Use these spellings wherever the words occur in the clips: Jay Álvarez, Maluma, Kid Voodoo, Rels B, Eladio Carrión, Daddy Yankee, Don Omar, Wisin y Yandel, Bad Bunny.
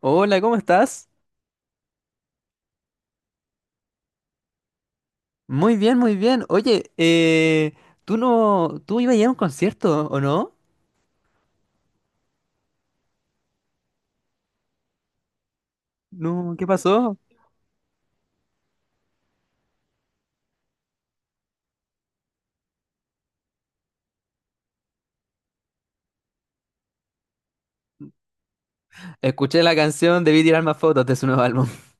Hola, ¿cómo estás? Muy bien, muy bien. Oye, tú no, tú ibas a ir a un concierto, ¿o no? No, ¿qué pasó? Escuché la canción Debí tirar más fotos de su nuevo álbum.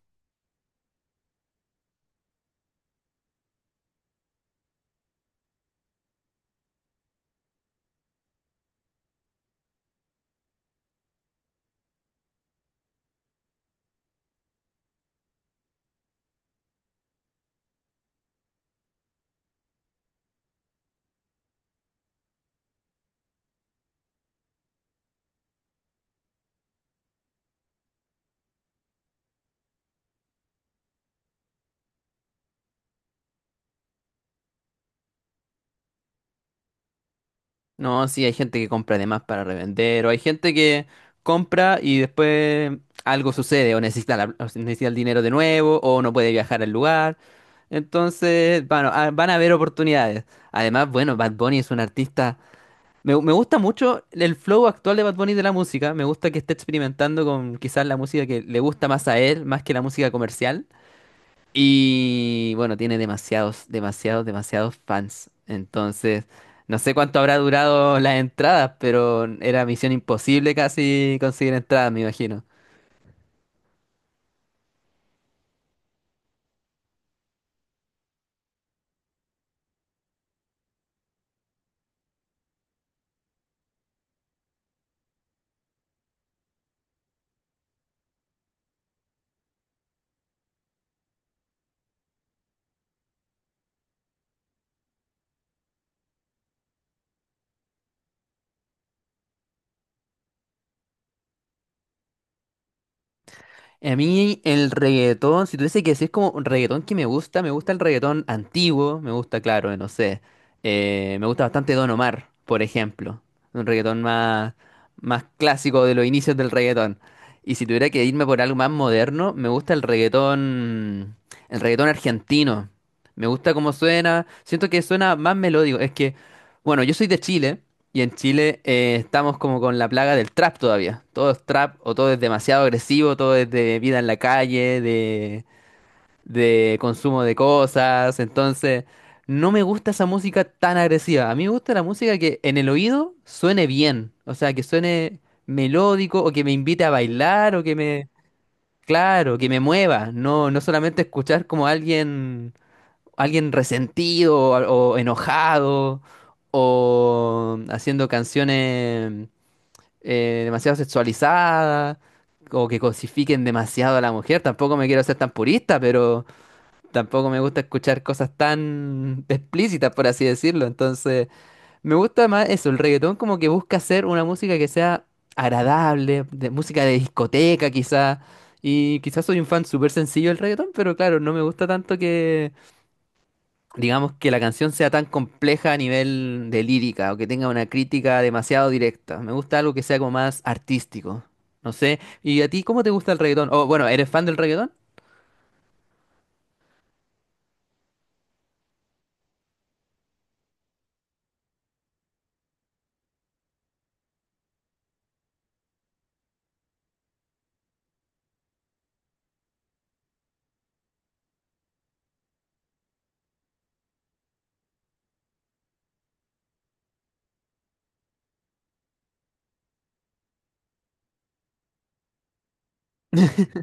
No, sí, hay gente que compra además para revender, o hay gente que compra y después algo sucede, o necesita, o necesita el dinero de nuevo, o no puede viajar al lugar. Entonces, bueno, van a haber oportunidades. Además, bueno, Bad Bunny es un artista. Me gusta mucho el flow actual de Bad Bunny de la música. Me gusta que esté experimentando con quizás la música que le gusta más a él, más que la música comercial. Y bueno, tiene demasiados, demasiados, demasiados fans. Entonces, no sé cuánto habrá durado las entradas, pero era misión imposible casi conseguir entradas, me imagino. A mí el reggaetón, si tuviese que decir como un reggaetón que me gusta el reggaetón antiguo, me gusta, claro, no sé, me gusta bastante Don Omar, por ejemplo, un reggaetón más, más clásico de los inicios del reggaetón. Y si tuviera que irme por algo más moderno, me gusta el reggaetón argentino. Me gusta cómo suena, siento que suena más melódico. Es que, bueno, yo soy de Chile. Y en Chile estamos como con la plaga del trap todavía. Todo es trap o todo es demasiado agresivo, todo es de vida en la calle, de consumo de cosas. Entonces, no me gusta esa música tan agresiva. A mí me gusta la música que en el oído suene bien. O sea, que suene melódico o que me invite a bailar o que me. Claro, que me mueva. No, no solamente escuchar como alguien resentido o enojado o haciendo canciones demasiado sexualizadas o que cosifiquen demasiado a la mujer. Tampoco me quiero ser tan purista, pero tampoco me gusta escuchar cosas tan explícitas, por así decirlo. Entonces, me gusta más eso, el reggaetón como que busca hacer una música que sea agradable, de música de discoteca quizá. Y quizás soy un fan súper sencillo del reggaetón, pero claro, no me gusta tanto que digamos, que la canción sea tan compleja a nivel de lírica o que tenga una crítica demasiado directa. Me gusta algo que sea como más artístico. No sé. ¿Y a ti cómo te gusta el reggaetón? O bueno, ¿eres fan del reggaetón?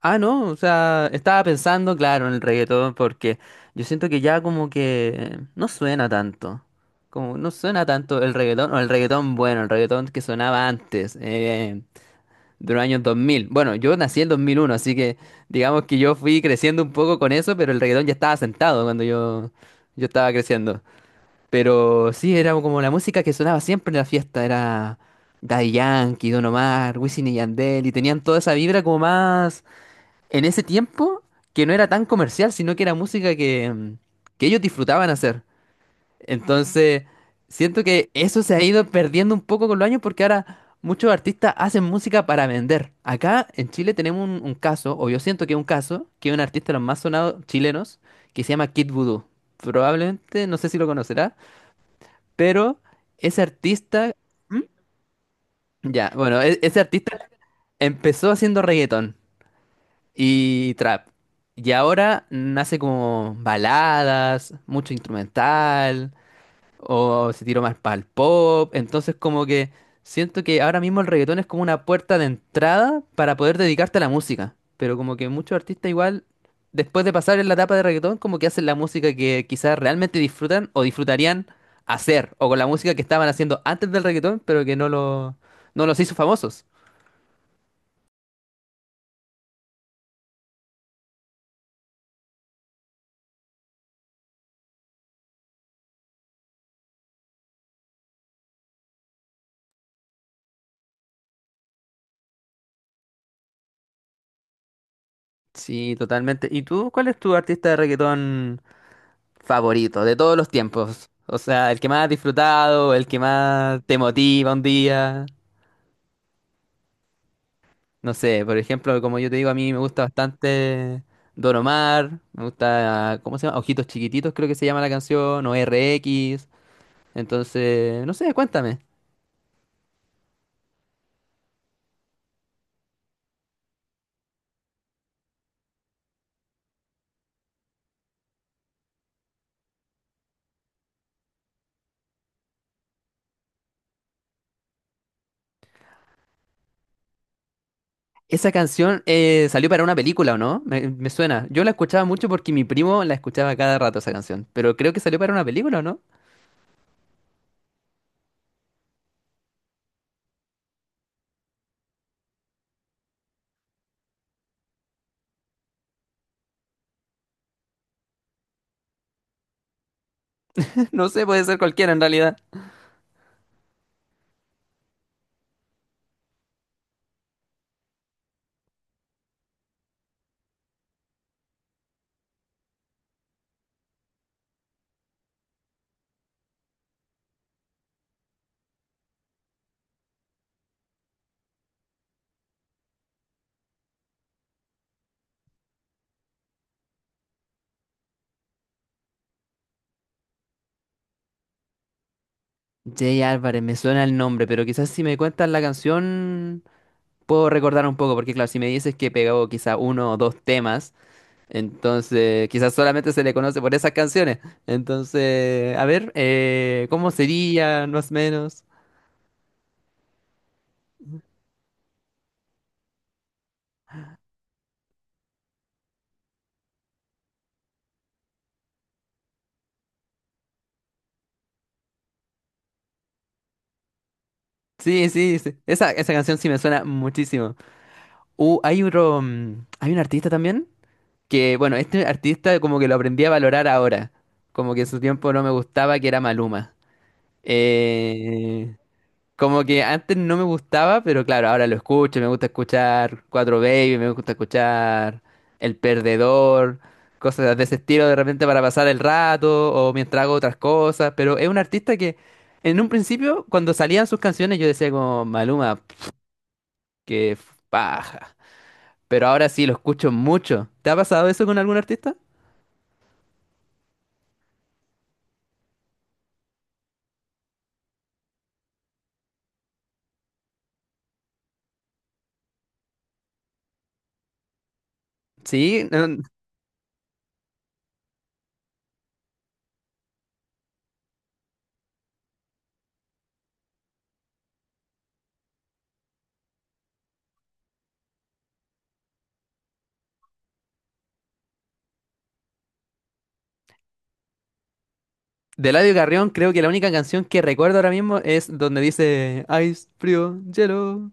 Ah, no, o sea, estaba pensando, claro, en el reggaetón porque yo siento que ya como que no suena tanto. Como no suena tanto el reggaetón o el reggaetón bueno, el reggaetón que sonaba antes. De los años 2000. Bueno, yo nací en 2001, así que digamos que yo fui creciendo un poco con eso, pero el reggaetón ya estaba sentado cuando yo estaba creciendo. Pero sí, era como la música que sonaba siempre en la fiesta, era Daddy Yankee, Don Omar, Wisin y Yandel, y tenían toda esa vibra como más en ese tiempo que no era tan comercial, sino que era música que ellos disfrutaban hacer. Entonces, siento que eso se ha ido perdiendo un poco con los años porque ahora muchos artistas hacen música para vender. Acá en Chile tenemos un caso, o yo siento que es un caso, que es un artista de los más sonados chilenos, que se llama Kid Voodoo. Probablemente, no sé si lo conocerá, pero ese artista. ¿Mm? Ya, bueno, ese artista empezó haciendo reggaetón y trap. Y ahora nace como baladas, mucho instrumental, o se tiró más para el pop. Entonces, como que siento que ahora mismo el reggaetón es como una puerta de entrada para poder dedicarte a la música. Pero como que muchos artistas igual, después de pasar en la etapa de reggaetón, como que hacen la música que quizás realmente disfrutan o disfrutarían hacer, o con la música que estaban haciendo antes del reggaetón, pero que no los hizo famosos. Sí, totalmente. ¿Y tú, cuál es tu artista de reggaetón favorito de todos los tiempos? O sea, el que más has disfrutado, el que más te motiva un día. No sé, por ejemplo, como yo te digo, a mí me gusta bastante Don Omar, me gusta, ¿cómo se llama? Ojitos Chiquititos, creo que se llama la canción, o RX. Entonces, no sé, cuéntame. Esa canción salió para una película, ¿o no? Me suena. Yo la escuchaba mucho porque mi primo la escuchaba cada rato esa canción, pero creo que salió para una película, ¿o no? No sé, puede ser cualquiera en realidad. Jay Álvarez, me suena el nombre, pero quizás si me cuentas la canción puedo recordar un poco, porque claro, si me dices que pegó quizá uno o dos temas. Entonces, quizás solamente se le conoce por esas canciones. Entonces, a ver, ¿cómo sería más o menos? Sí, sí, sí. Esa canción sí me suena muchísimo. Hay hay un artista también que, bueno, este artista como que lo aprendí a valorar ahora. Como que en su tiempo no me gustaba que era Maluma. Eh, Como que antes no me gustaba, pero claro, ahora lo escucho, me gusta escuchar Cuatro Baby, me gusta escuchar El Perdedor, cosas de ese estilo de repente para pasar el rato o mientras hago otras cosas, pero es un artista que en un principio cuando salían sus canciones yo decía como Maluma, que paja, pero ahora sí lo escucho mucho. ¿Te ha pasado eso con algún artista? Sí, no. De Eladio Carrión, creo que la única canción que recuerdo ahora mismo es donde dice Ice, frío, hielo.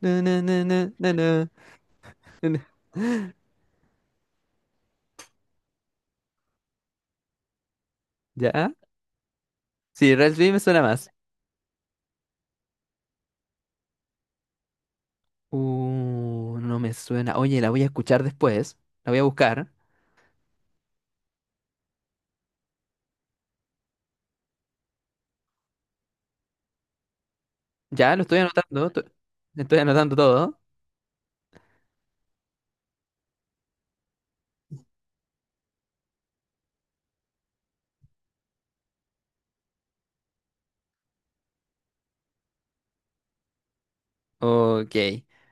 Na, na, na, na, na, na, na, na". ¿Ya? Sí, Rels B me suena más. No me suena. Oye, la voy a escuchar después. La voy a buscar. Ya, lo estoy anotando. Estoy anotando todo. Ok.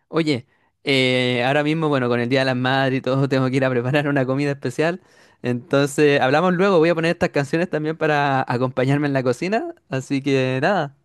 Oye, ahora mismo, bueno, con el Día de las Madres y todo, tengo que ir a preparar una comida especial. Entonces, hablamos luego. Voy a poner estas canciones también para acompañarme en la cocina. Así que nada.